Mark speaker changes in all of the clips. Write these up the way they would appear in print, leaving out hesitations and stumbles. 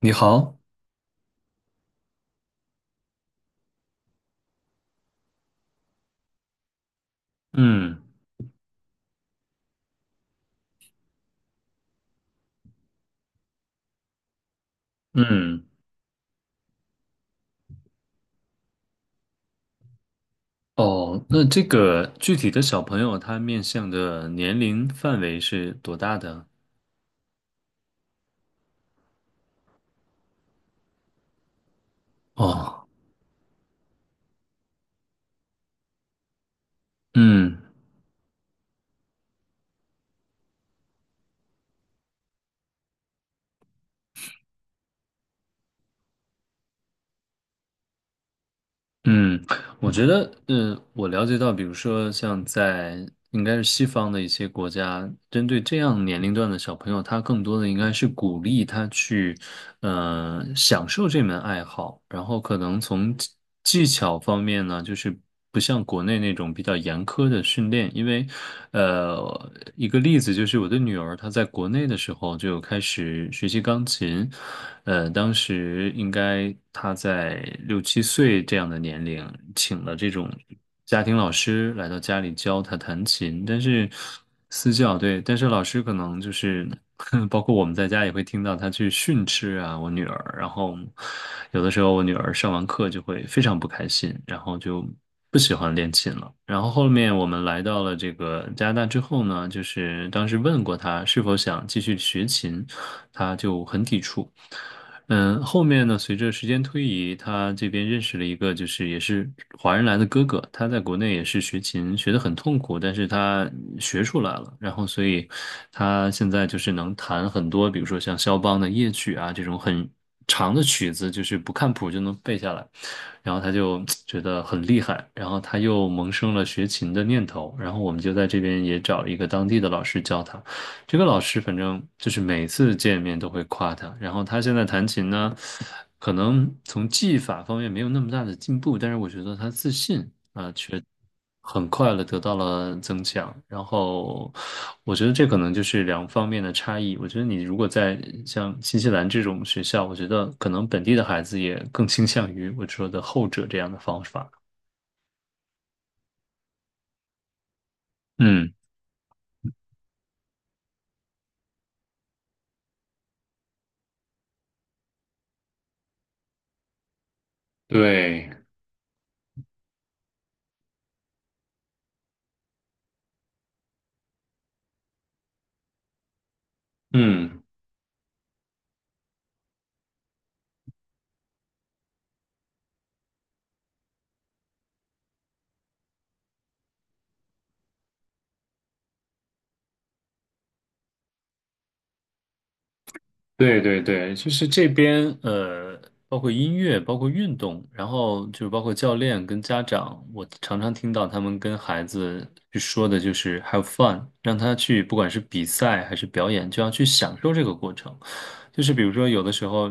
Speaker 1: 你好。嗯嗯，哦，那这个具体的小朋友他面向的年龄范围是多大的？哦，嗯嗯，我觉得，我了解到，比如说像在,应该是西方的一些国家，针对这样年龄段的小朋友，他更多的应该是鼓励他去，享受这门爱好，然后可能从技巧方面呢，就是。不像国内那种比较严苛的训练，因为，一个例子就是我的女儿她在国内的时候就开始学习钢琴。当时应该她在六七岁这样的年龄，请了这种家庭老师来到家里教她弹琴，但是私教。对，但是老师可能就是。包括我们在家也会听到她去训斥啊，我女儿。然后有的时候我女儿上完课就会非常不开心，然后就不喜欢练琴了。然后后面我们来到了这个加拿大之后呢，就是当时问过他是否想继续学琴，他就很抵触。嗯，后面呢，随着时间推移，他这边认识了一个，就是也是华人来的哥哥，他在国内也是学琴，学得很痛苦，但是他学出来了，然后所以他现在就是能弹很多，比如说像肖邦的夜曲啊这种很长的曲子，就是不看谱就能背下来，然后他就 觉得很厉害，然后他又萌生了学琴的念头，然后我们就在这边也找了一个当地的老师教他。这个老师反正就是每次见面都会夸他，然后他现在弹琴呢，可能从技法方面没有那么大的进步，但是我觉得他自信啊，却很快的得到了增强。然后我觉得这可能就是两方面的差异。我觉得你如果在像新西兰这种学校，我觉得可能本地的孩子也更倾向于我说的后者这样的方法。嗯。对。嗯。对对对，就是这边呃，包括音乐，包括运动，然后就是包括教练跟家长，我常常听到他们跟孩子去说的就是 have fun，让他去不管是比赛还是表演，就要去享受这个过程。就是比如说有的时候，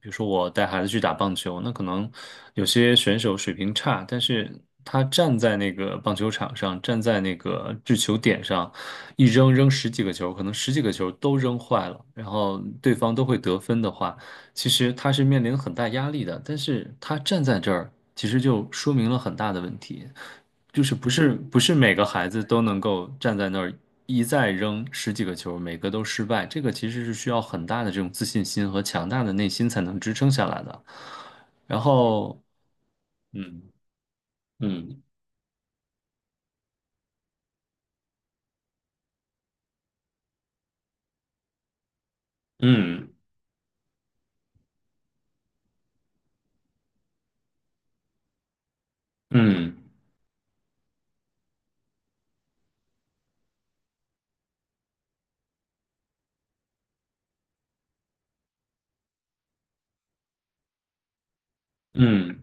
Speaker 1: 比如说我带孩子去打棒球，那可能有些选手水平差，但是他站在那个棒球场上，站在那个制球点上，一扔扔十几个球，可能十几个球都扔坏了，然后对方都会得分的话，其实他是面临很大压力的。但是他站在这儿，其实就说明了很大的问题，就是不是每个孩子都能够站在那儿一再扔十几个球，每个都失败。这个其实是需要很大的这种自信心和强大的内心才能支撑下来的。然后，嗯嗯嗯嗯嗯。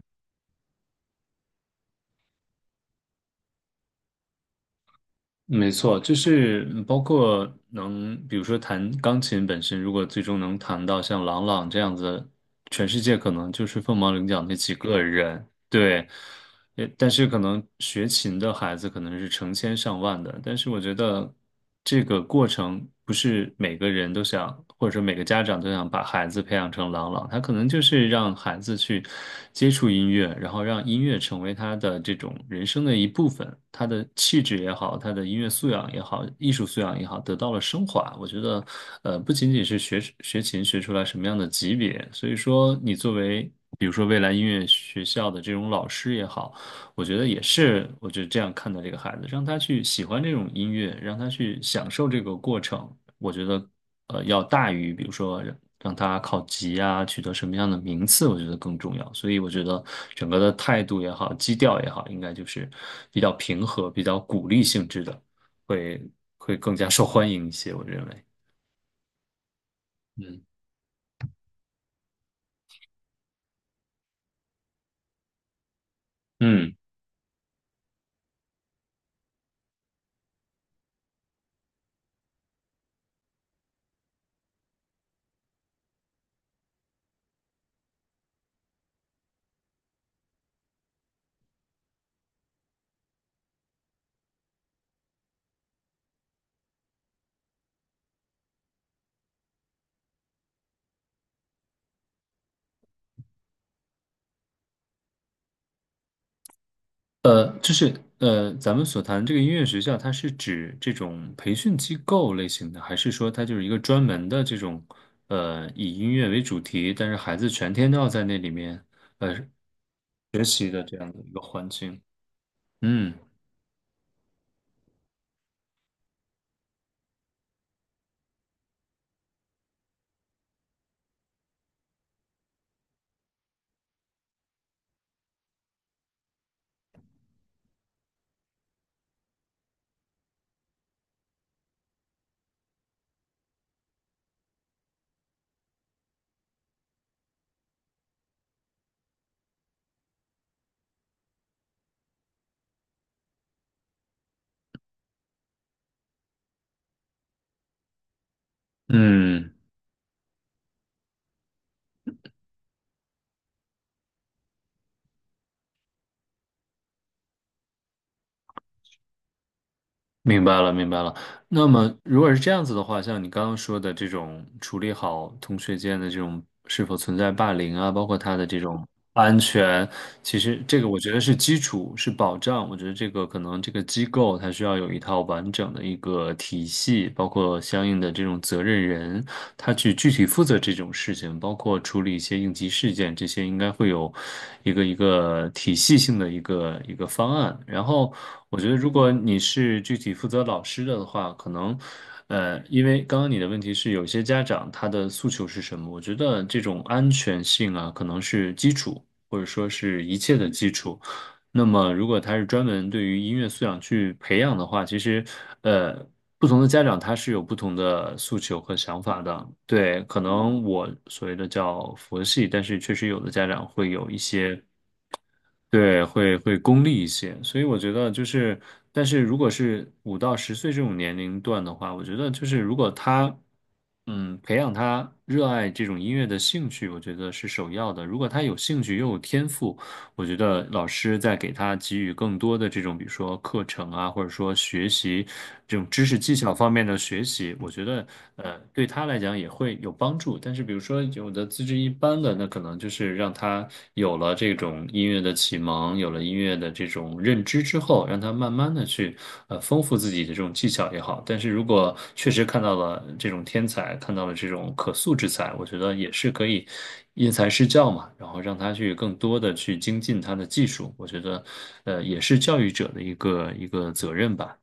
Speaker 1: 没错，就是包括能，比如说弹钢琴本身，如果最终能弹到像郎朗这样子，全世界可能就是凤毛麟角那几个人。对。也但是可能学琴的孩子可能是成千上万的，但是我觉得这个过程不是每个人都想，或者说每个家长都想把孩子培养成朗朗，他可能就是让孩子去接触音乐，然后让音乐成为他的这种人生的一部分，他的气质也好，他的音乐素养也好，艺术素养也好，得到了升华。我觉得，不仅仅是学琴学出来什么样的级别，所以说你作为。比如说，未来音乐学校的这种老师也好，我觉得也是，我觉得这样看待这个孩子，让他去喜欢这种音乐，让他去享受这个过程，我觉得要大于比如说让他考级啊，取得什么样的名次，我觉得更重要。所以我觉得整个的态度也好，基调也好，应该就是比较平和、比较鼓励性质的，会会更加受欢迎一些，我认为。嗯。嗯。就是咱们所谈这个音乐学校，它是指这种培训机构类型的，还是说它就是一个专门的这种以音乐为主题，但是孩子全天都要在那里面呃学习的这样的一个环境？嗯。嗯。明白了，明白了。那么，如果是这样子的话，像你刚刚说的这种处理好同学间的这种是否存在霸凌啊，包括他的这种安全，其实这个我觉得是基础，是保障。我觉得这个可能这个机构它需要有一套完整的一个体系，包括相应的这种责任人，他去具体负责这种事情。情包括处理一些应急事件，这些应该会有一个体系性的一个方案。然后，我觉得如果你是具体负责老师的话，可能。因为刚刚你的问题是有些家长他的诉求是什么？我觉得这种安全性啊，可能是基础，或者说是一切的基础。那么，如果他是专门对于音乐素养去培养的话，其实，呃，不同的家长他是有不同的诉求和想法的。对，可能我所谓的叫佛系，但是确实有的家长会有一些，对，会功利一些。所以我觉得就是，但是如果是五到十岁这种年龄段的话，我觉得就是如果他培养他热爱这种音乐的兴趣，我觉得是首要的。如果他有兴趣又有天赋，我觉得老师在给他给予更多的这种，比如说课程啊，或者说学习这种知识技巧方面的学习，我觉得对他来讲也会有帮助。但是比如说有的资质一般的，那可能就是让他有了这种音乐的启蒙，有了音乐的这种认。认知之后，让他慢慢的去丰富自己的这种技巧也好。但是如果确实看到了这种天才，看到了这种可塑之才，我觉得也是可以因材施教嘛，然后让他去更多的去精进他的技术。我觉得也是教育者的一个责任吧。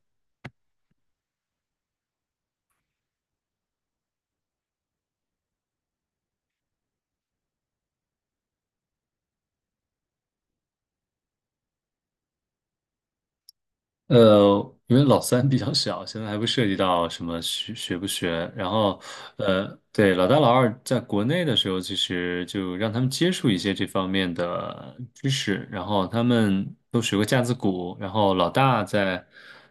Speaker 1: 因为老三比较小，现在还不涉及到什么学不学。然后，对，老大老二在国内的时候，其实就让他们接触一些这方面的知识，然后他们都学过架子鼓，然后老大在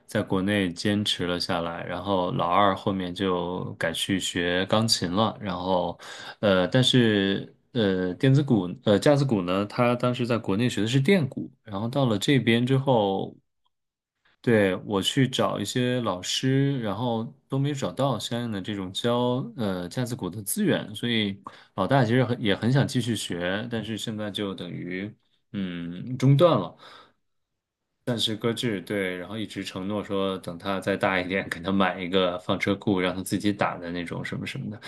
Speaker 1: 在国内坚持了下来，然后老二后面就改去学钢琴了。然后，但是。电子鼓，架子鼓呢，他当时在国内学的是电鼓，然后到了这边之后，对，我去找一些老师，然后都没找到相应的这种教架子鼓的资源，所以老大其实很也很想继续学，但是现在就等于中断了，暂时搁置。对，然后一直承诺说等他再大一点，给他买一个放车库，让他自己打的那种什么什么的。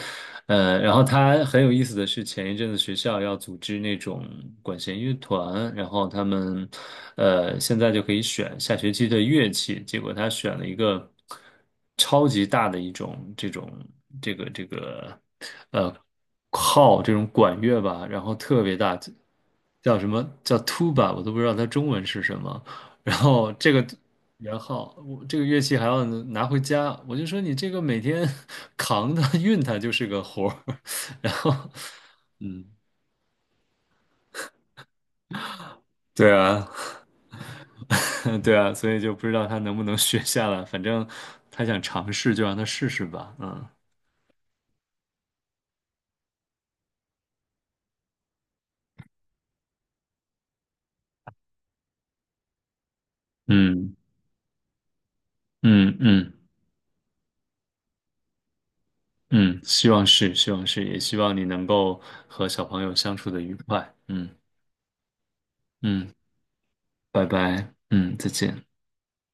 Speaker 1: 然后他很有意思的是，前一阵子学校要组织那种管弦乐团，然后他们，现在就可以选下学期的乐器，结果他选了一个超级大的一种这种这个，呃，号这种管乐吧，然后特别大，叫什么叫 tuba，我都不知道它中文是什么。然后这个，然后我这个乐器还要拿回家，我就说你这个每天 扛它运它就是个活儿，然后，嗯，对啊，对啊，所以就不知道他能不能学下来，反正他想尝试就让他试试吧。嗯嗯嗯嗯嗯，希望是，希望是，也希望你能够和小朋友相处的愉快。嗯。嗯，拜拜。嗯，再见。